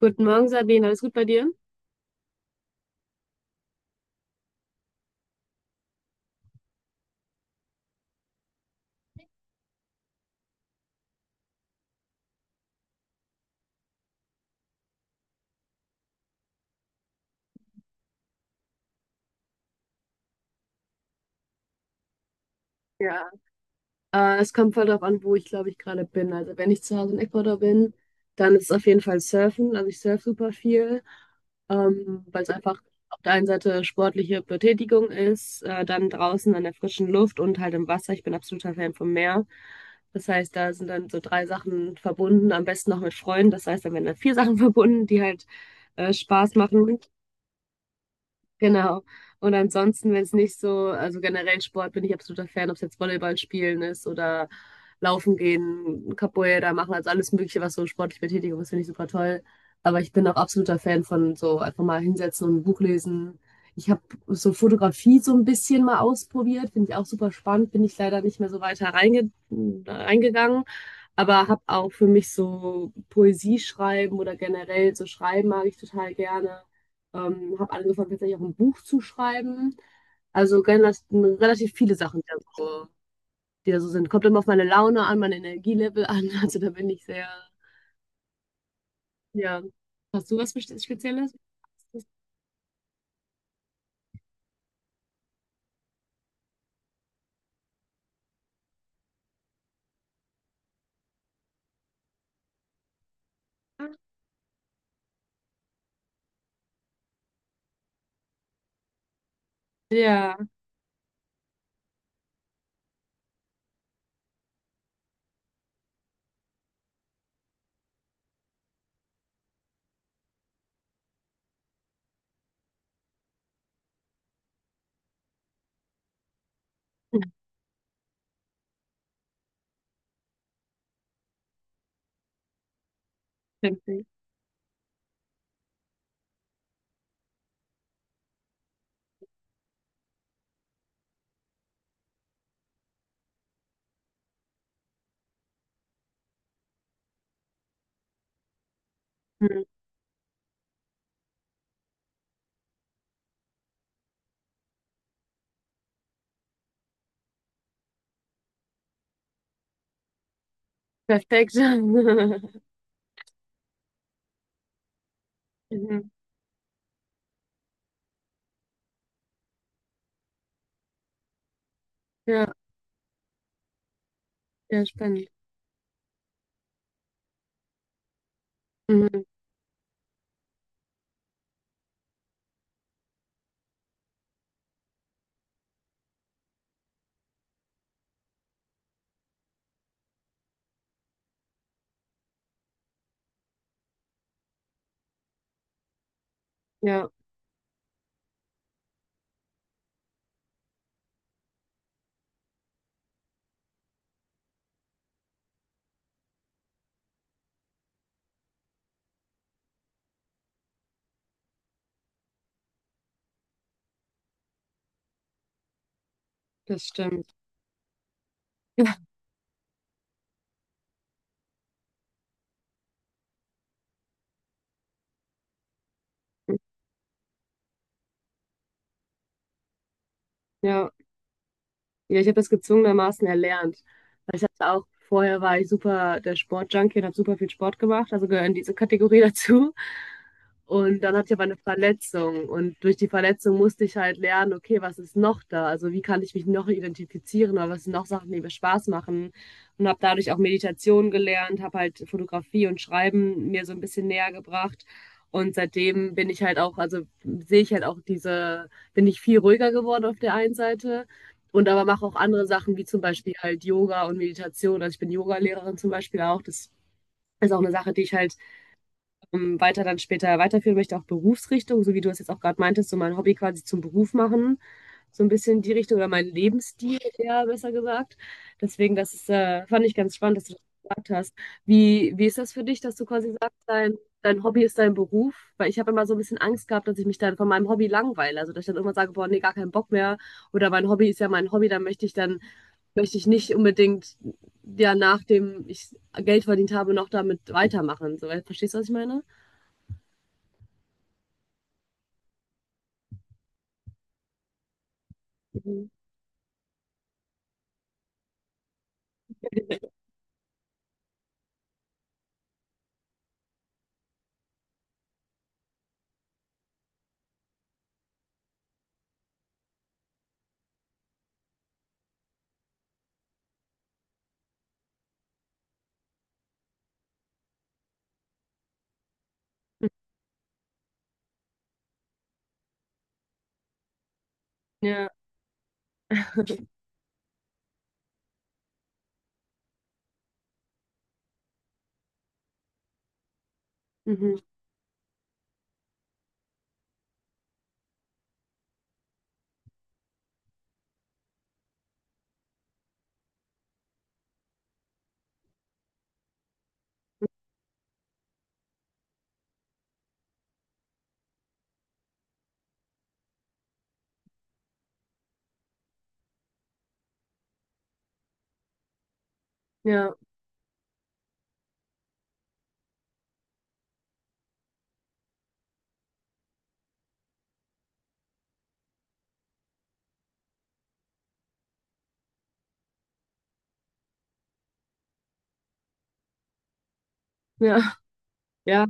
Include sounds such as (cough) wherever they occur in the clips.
Guten Morgen, Sabine. Alles gut bei dir? Ja, es kommt voll drauf an, wo ich glaube ich gerade bin. Also wenn ich zu Hause in Ecuador bin, dann ist es auf jeden Fall Surfen. Also ich surfe super viel, weil es einfach auf der einen Seite sportliche Betätigung ist, dann draußen an der frischen Luft und halt im Wasser. Ich bin absoluter Fan vom Meer. Das heißt, da sind dann so drei Sachen verbunden, am besten noch mit Freunden. Das heißt, dann werden dann vier (laughs) Sachen verbunden, die halt Spaß machen. Genau. Und ansonsten, wenn es nicht so, also generell Sport bin ich absoluter Fan, ob es jetzt Volleyball spielen ist oder laufen gehen, Capoeira machen, also alles Mögliche, was so sportlich Betätigung ist, finde ich super toll. Aber ich bin auch absoluter Fan von so einfach mal hinsetzen und ein Buch lesen. Ich habe so Fotografie so ein bisschen mal ausprobiert, finde ich auch super spannend, bin ich leider nicht mehr so weiter reingegangen. Aber habe auch für mich so Poesie schreiben oder generell so schreiben mag ich total gerne. Habe angefangen, tatsächlich auch ein Buch zu schreiben. Also generell relativ viele Sachen, die da so sind. Kommt immer auf meine Laune an, mein Energielevel an. (laughs) Also da bin ich sehr, ja. Hast du was Spezielles? Ja, Fancy. Mhm. Perfekt. (laughs) Mhm. Ja, ja, spannend. Mhm. Ja, das stimmt. (laughs) Ja. Ja, ich habe das gezwungenermaßen erlernt. Weil ich hatte auch, vorher war ich super der Sportjunkie und habe super viel Sport gemacht, also gehöre in diese Kategorie (laughs) dazu. Und dann hatte ich aber eine Verletzung und durch die Verletzung musste ich halt lernen, okay, was ist noch da? Also wie kann ich mich noch identifizieren oder was sind noch Sachen, die mir Spaß machen? Und habe dadurch auch Meditation gelernt, habe halt Fotografie und Schreiben mir so ein bisschen näher gebracht. Und seitdem bin ich halt auch, also sehe ich halt auch diese, bin ich viel ruhiger geworden auf der einen Seite und aber mache auch andere Sachen, wie zum Beispiel halt Yoga und Meditation. Also ich bin Yogalehrerin zum Beispiel auch. Das ist auch eine Sache, die ich halt weiter dann später weiterführen möchte, auch Berufsrichtung, so wie du es jetzt auch gerade meintest, so mein Hobby quasi zum Beruf machen, so ein bisschen die Richtung oder mein Lebensstil eher besser gesagt. Deswegen, das ist, fand ich ganz spannend, dass du das gesagt hast. Wie ist das für dich, dass du quasi sagst, dein Hobby ist dein Beruf? Weil ich habe immer so ein bisschen Angst gehabt, dass ich mich dann von meinem Hobby langweile. Also dass ich dann irgendwann sage, boah, nee, gar keinen Bock mehr. Oder mein Hobby ist ja mein Hobby, dann möchte ich nicht unbedingt ja nachdem ich Geld verdient habe, noch damit weitermachen. So, weil- verstehst du, was ich meine? Mhm. Ja, mhm. Ja, ja, (laughs) ja,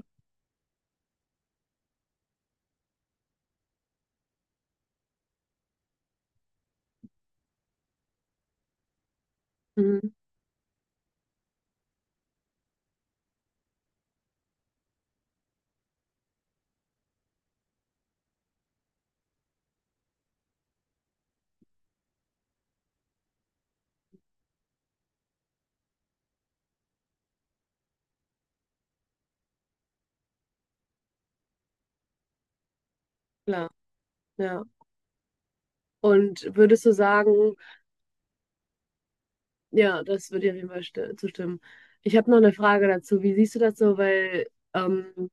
mhm. Klar, ja. Und würdest du sagen, ja, das würde ich auf jeden Fall zustimmen. Ich habe noch eine Frage dazu. Wie siehst du das so? Weil ähm,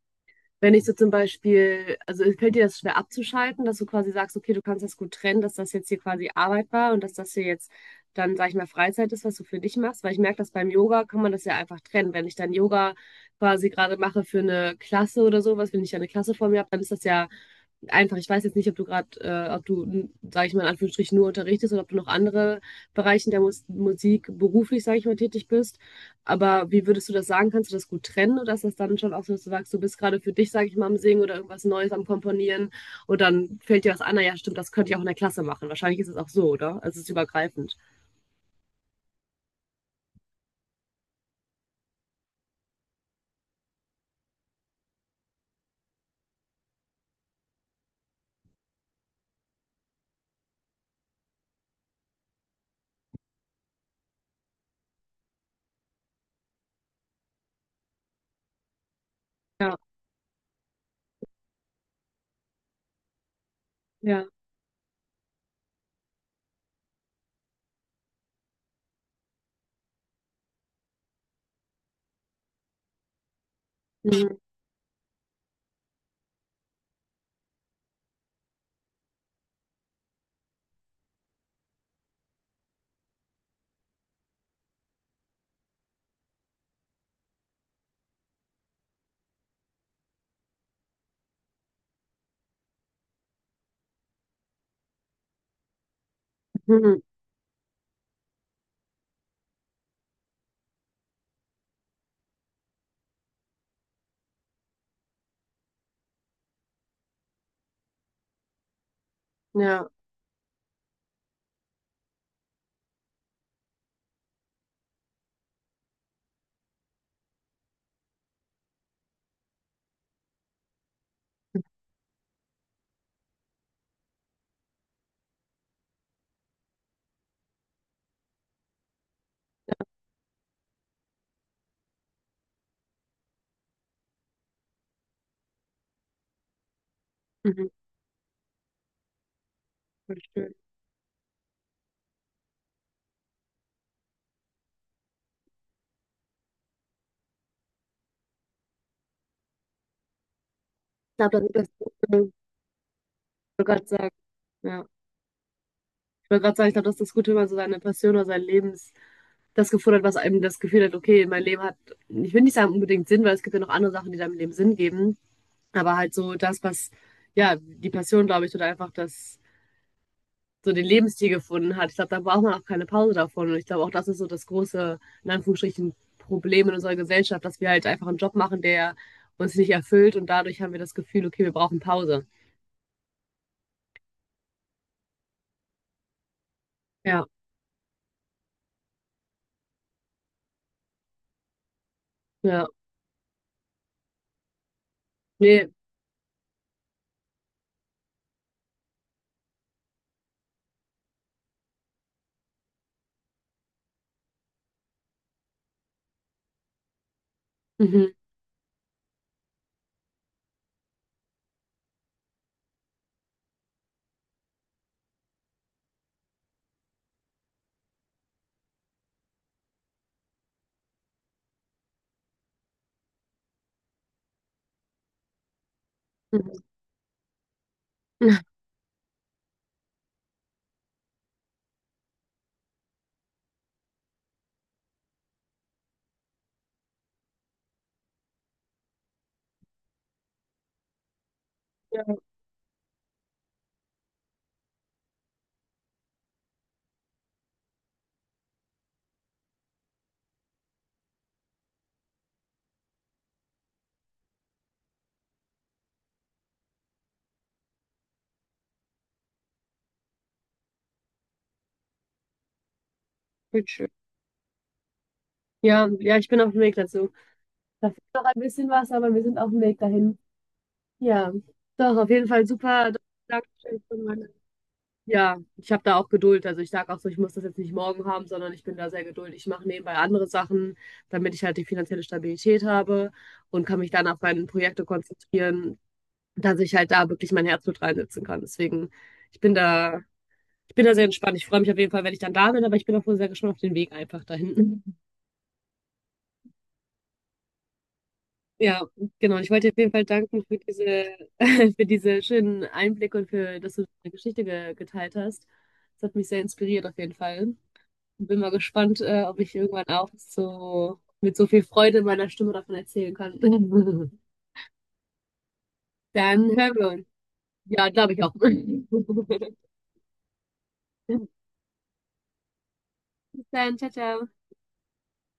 wenn ich so zum Beispiel, also fällt dir das schwer abzuschalten, dass du quasi sagst, okay, du kannst das gut trennen, dass das jetzt hier quasi Arbeit war und dass das hier jetzt dann, sag ich mal, Freizeit ist, was du für dich machst, weil ich merke, dass beim Yoga kann man das ja einfach trennen. Wenn ich dann Yoga quasi gerade mache für eine Klasse oder so was, wenn ich ja eine Klasse vor mir habe, dann ist das ja einfach, ich weiß jetzt nicht, ob du gerade, ob du, sage ich mal in Anführungsstrichen, nur unterrichtest oder ob du noch andere Bereiche der Musik beruflich, sage ich mal, tätig bist. Aber wie würdest du das sagen? Kannst du das gut trennen oder ist das dann schon auch so, dass du sagst, du bist gerade für dich, sage ich mal, am Singen oder irgendwas Neues am Komponieren und dann fällt dir was an, na ja, stimmt, das könnte ich auch in der Klasse machen. Wahrscheinlich ist es auch so, oder? Also es ist übergreifend. Ja, ja. Mhm. Mhm. Ja, mhm. Voll schön. Ich glaube, das ist das, ich wollte gerade sagen. Ja. Ich wollte gerade sagen, ich glaube, das ist das Gute, wenn man so seine Passion oder sein Lebens das gefordert, was einem das Gefühl hat, okay, mein Leben hat, ich will nicht sagen unbedingt Sinn, weil es gibt ja noch andere Sachen, die deinem Leben Sinn geben, aber halt so das, was, ja, die Passion, glaube ich, oder einfach das, so den Lebensstil gefunden hat. Ich glaube, da braucht man auch keine Pause davon und ich glaube, auch das ist so das große, in Anführungsstrichen, Problem in unserer Gesellschaft, dass wir halt einfach einen Job machen, der uns nicht erfüllt und dadurch haben wir das Gefühl, okay, wir brauchen Pause. Ja, ja, nee, mhm. Mhm. (laughs) Ja, schön. Ja, ja, ich bin auf dem Weg dazu. Da fehlt noch ein bisschen was, aber wir sind auf dem Weg dahin. Ja, doch, auf jeden Fall super. Dankeschön für meine. Ja, ich habe da auch Geduld. Also ich sage auch so, ich muss das jetzt nicht morgen haben, sondern ich bin da sehr geduldig. Ich mache nebenbei andere Sachen, damit ich halt die finanzielle Stabilität habe und kann mich dann auf meine Projekte konzentrieren, dass ich halt da wirklich mein Herzblut reinsetzen kann. Deswegen, ich bin da, ich bin da sehr entspannt. Ich freue mich auf jeden Fall, wenn ich dann da bin, aber ich bin auch wohl sehr gespannt auf den Weg einfach dahin. Ja, genau. Ich wollte dir auf jeden Fall danken für diese, (laughs) für diese schönen Einblicke und für, dass du deine Geschichte ge geteilt hast. Das hat mich sehr inspiriert auf jeden Fall. Bin mal gespannt, ob ich irgendwann auch so mit so viel Freude in meiner Stimme davon erzählen kann. (laughs) Dann hören wir uns. Ja, glaube ich auch. (laughs) Bis dann, ciao, ciao.